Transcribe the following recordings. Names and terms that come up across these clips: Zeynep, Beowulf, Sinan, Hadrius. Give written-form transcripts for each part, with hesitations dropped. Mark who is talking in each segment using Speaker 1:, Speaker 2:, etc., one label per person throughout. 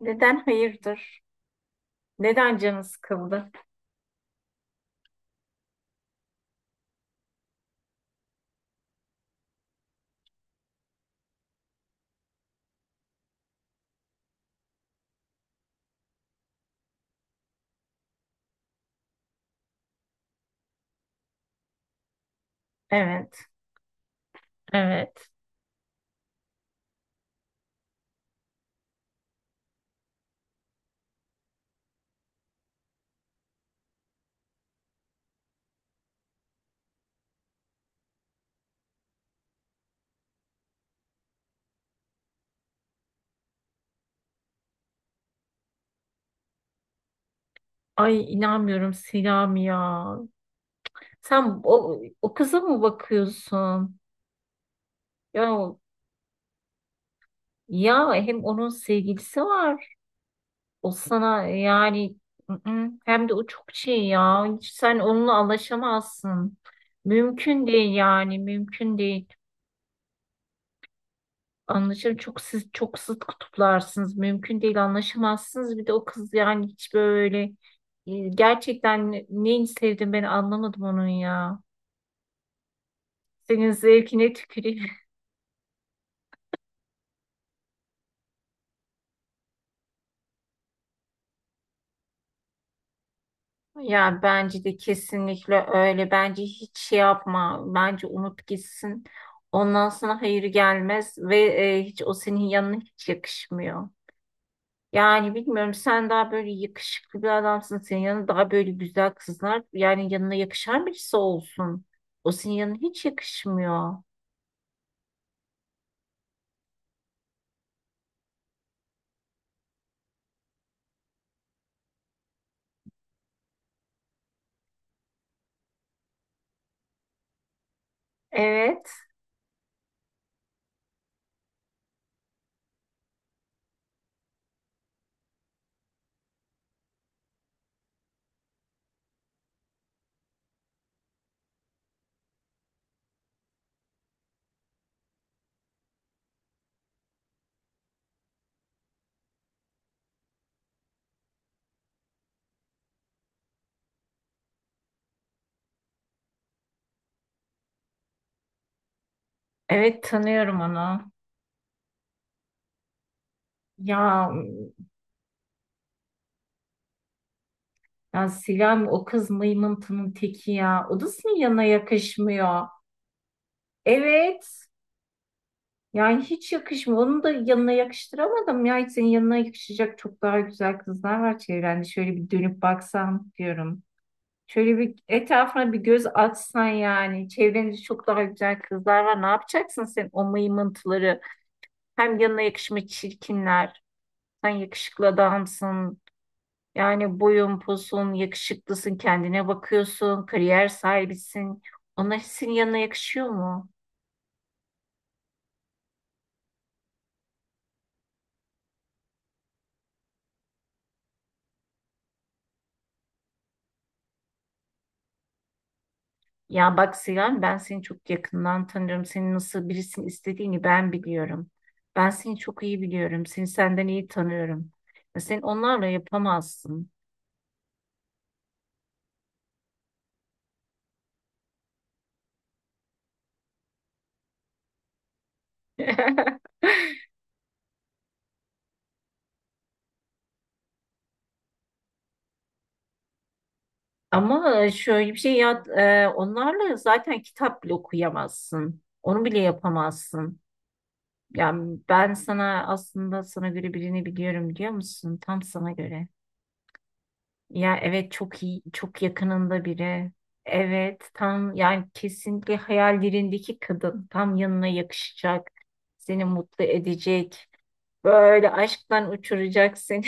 Speaker 1: Neden hayırdır? Neden canı sıkıldı? Evet, evet. Ay inanmıyorum Selami ya. Sen o kıza mı bakıyorsun? Ya, ya hem onun sevgilisi var. O sana yani ı-ı, hem de o çok şey ya. Hiç sen onunla anlaşamazsın. Mümkün değil yani mümkün değil. Anlaşılır. Çok siz çok zıt kutuplarsınız. Mümkün değil anlaşamazsınız. Bir de o kız yani hiç böyle gerçekten neyi sevdim ben anlamadım onun ya. Senin zevkine tüküreyim. Ya bence de kesinlikle öyle. Bence hiç şey yapma. Bence unut gitsin. Ondan sonra hayır gelmez ve hiç o senin yanına hiç yakışmıyor. Yani bilmiyorum sen daha böyle yakışıklı bir adamsın. Senin yanında daha böyle güzel kızlar yani yanına yakışan birisi olsun. O senin yanına hiç yakışmıyor. Evet. Evet tanıyorum onu. Ya, ya Sinem o kız mıymıntının teki ya. O da senin yanına yakışmıyor. Evet. Yani hiç yakışmıyor. Onu da yanına yakıştıramadım ya. Hiç senin yanına yakışacak çok daha güzel kızlar var çevrende. Şöyle bir dönüp baksan diyorum. Şöyle bir etrafına bir göz atsan yani. Çevrende çok daha güzel kızlar var. Ne yapacaksın sen o mıymıntıları? Hem yanına yakışmış çirkinler. Sen yakışıklı adamsın. Yani boyun posun, yakışıklısın, kendine bakıyorsun, kariyer sahibisin. Onlar senin yanına yakışıyor mu? Ya bak Sinan ben seni çok yakından tanıyorum. Senin nasıl birisini istediğini ben biliyorum. Ben seni çok iyi biliyorum. Seni senden iyi tanıyorum. Ya sen onlarla yapamazsın. Ama şöyle bir şey ya onlarla zaten kitap bile okuyamazsın. Onu bile yapamazsın. Yani ben sana aslında sana göre birini biliyorum biliyor musun? Tam sana göre. Ya evet çok iyi, çok yakınında biri. Evet tam yani kesinlikle hayallerindeki kadın tam yanına yakışacak. Seni mutlu edecek. Böyle aşktan uçuracak seni.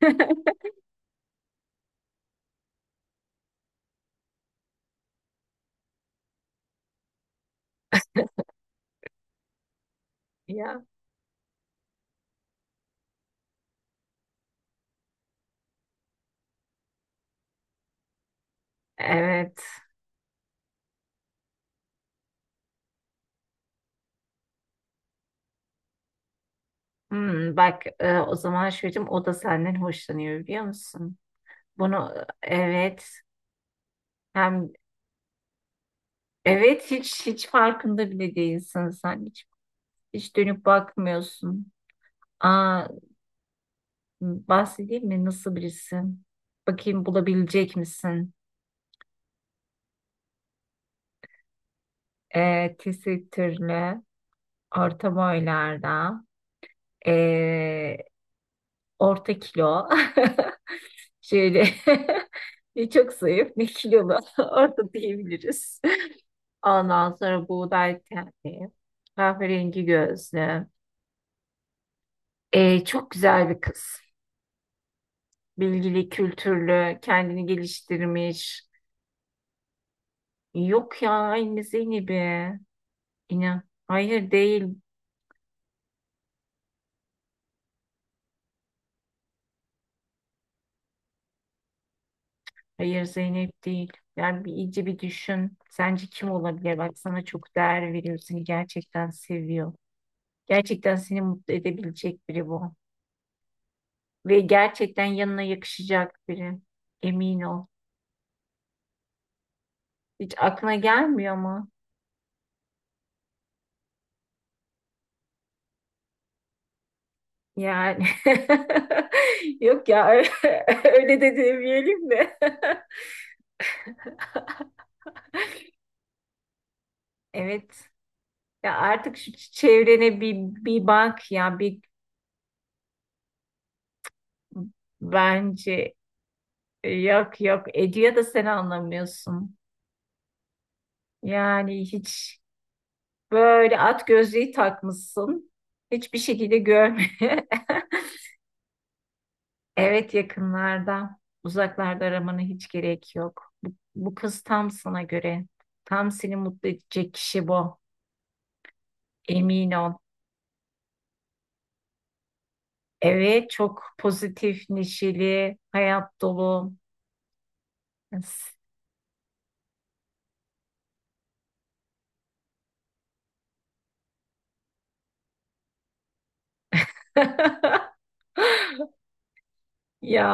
Speaker 1: Ya evet. Hmm, bak o zaman çocuğum o da senden hoşlanıyor biliyor musun? Bunu evet hem evet hiç farkında bile değilsin sen hiç hiç dönüp bakmıyorsun. Aa, bahsedeyim mi nasıl birisi? Bakayım bulabilecek misin? E, tesettürlü, orta boylarda, e, orta kilo. Şöyle ne çok zayıf ne kilolu orta diyebiliriz. Ondan sonra buğday tenli, kahverengi gözlü. Çok güzel bir kız. Bilgili, kültürlü, kendini geliştirmiş. Yok ya aynı Zeynep'i. İnan. Hayır değil. Hayır Zeynep değil. Yani bir, iyice bir düşün. Sence kim olabilir? Bak sana çok değer veriyor. Seni gerçekten seviyor. Gerçekten seni mutlu edebilecek biri bu. Ve gerçekten yanına yakışacak biri. Emin ol. Hiç aklına gelmiyor mu? Yani yok ya öyle öyle de demeyelim de. Evet. Ya artık şu çevrene bir bir bak ya bir bence yok ediyor da sen anlamıyorsun. Yani hiç böyle at gözlüğü takmışsın. Hiçbir şekilde görmüyor. Evet yakınlarda, uzaklarda aramanı hiç gerek yok. Bu kız tam sana göre. Tam seni mutlu edecek kişi bu. Emin ol. Evet, çok pozitif, neşeli, hayat dolu. Ya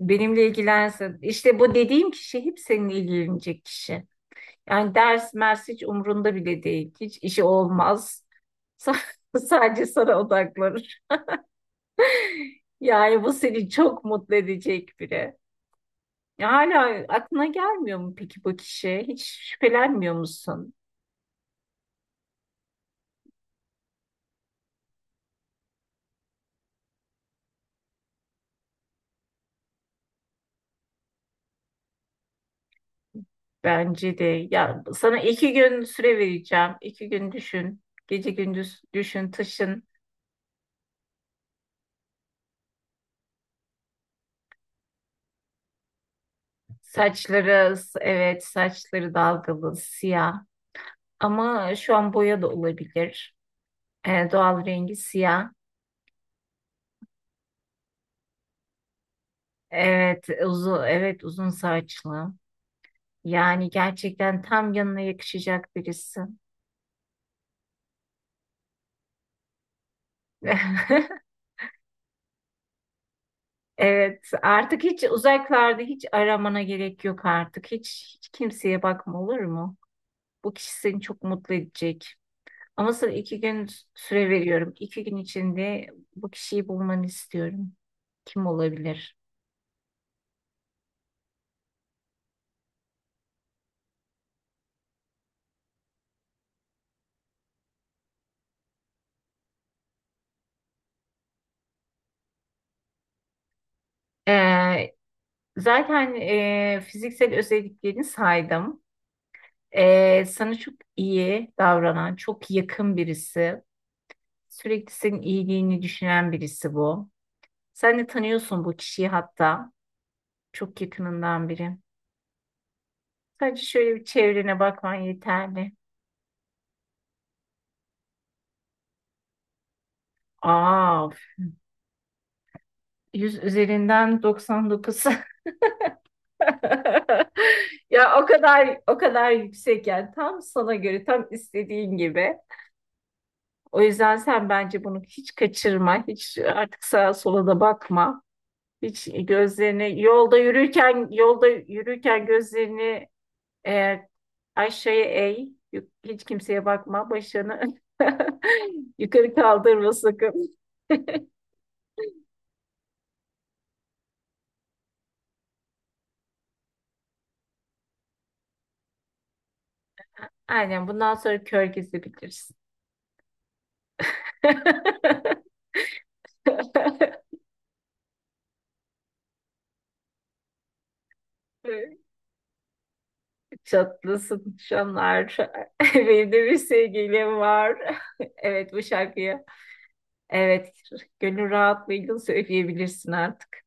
Speaker 1: benimle ilgilensin. İşte bu dediğim kişi hep seninle ilgilenecek kişi. Yani ders mers hiç umrunda bile değil. Hiç işi olmaz. Sa- Sadece sana odaklanır. Yani bu seni çok mutlu edecek biri. Ya Hala aklına gelmiyor mu peki bu kişi? Hiç şüphelenmiyor musun? Bence de. Ya sana iki gün süre vereceğim. İki gün düşün. Gece gündüz düşün, taşın. Saçları, evet saçları dalgalı, siyah. Ama şu an boya da olabilir. Doğal rengi siyah. Evet uzun, evet uzun saçlı. Yani gerçekten tam yanına yakışacak birisi. Evet, artık hiç uzaklarda hiç aramana gerek yok artık. Hiç, hiç kimseye bakma olur mu? Bu kişi seni çok mutlu edecek. Ama sana iki gün süre veriyorum. İki gün içinde bu kişiyi bulmanı istiyorum. Kim olabilir? Ee, zaten fiziksel özelliklerini saydım. Sana çok iyi davranan, çok yakın birisi. Sürekli senin iyiliğini düşünen birisi bu. Sen de tanıyorsun bu kişiyi hatta. Çok yakınından biri. Sadece şöyle bir çevrene bakman yeterli. Aa, 100 üzerinden 99. Ya o kadar o kadar yüksek yani tam sana göre tam istediğin gibi. O yüzden sen bence bunu hiç kaçırma. Hiç artık sağa sola da bakma. Hiç gözlerini yolda yürürken yolda yürürken gözlerini e, aşağıya eğ. Yuk- Hiç kimseye bakma. Başını yukarı kaldırma sakın. Aynen bundan sonra kör gezebilirsin. Çatlasın şanlar. Benim de bir sevgilim var. Evet bu şarkıyı. Evet gönül rahatlığıyla söyleyebilirsin artık.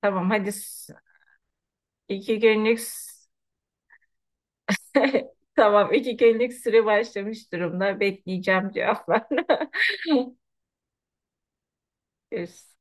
Speaker 1: Tamam hadi s- iki günlük s- tamam iki günlük süre başlamış durumda. Bekleyeceğim cevaplarını. Görüşürüz.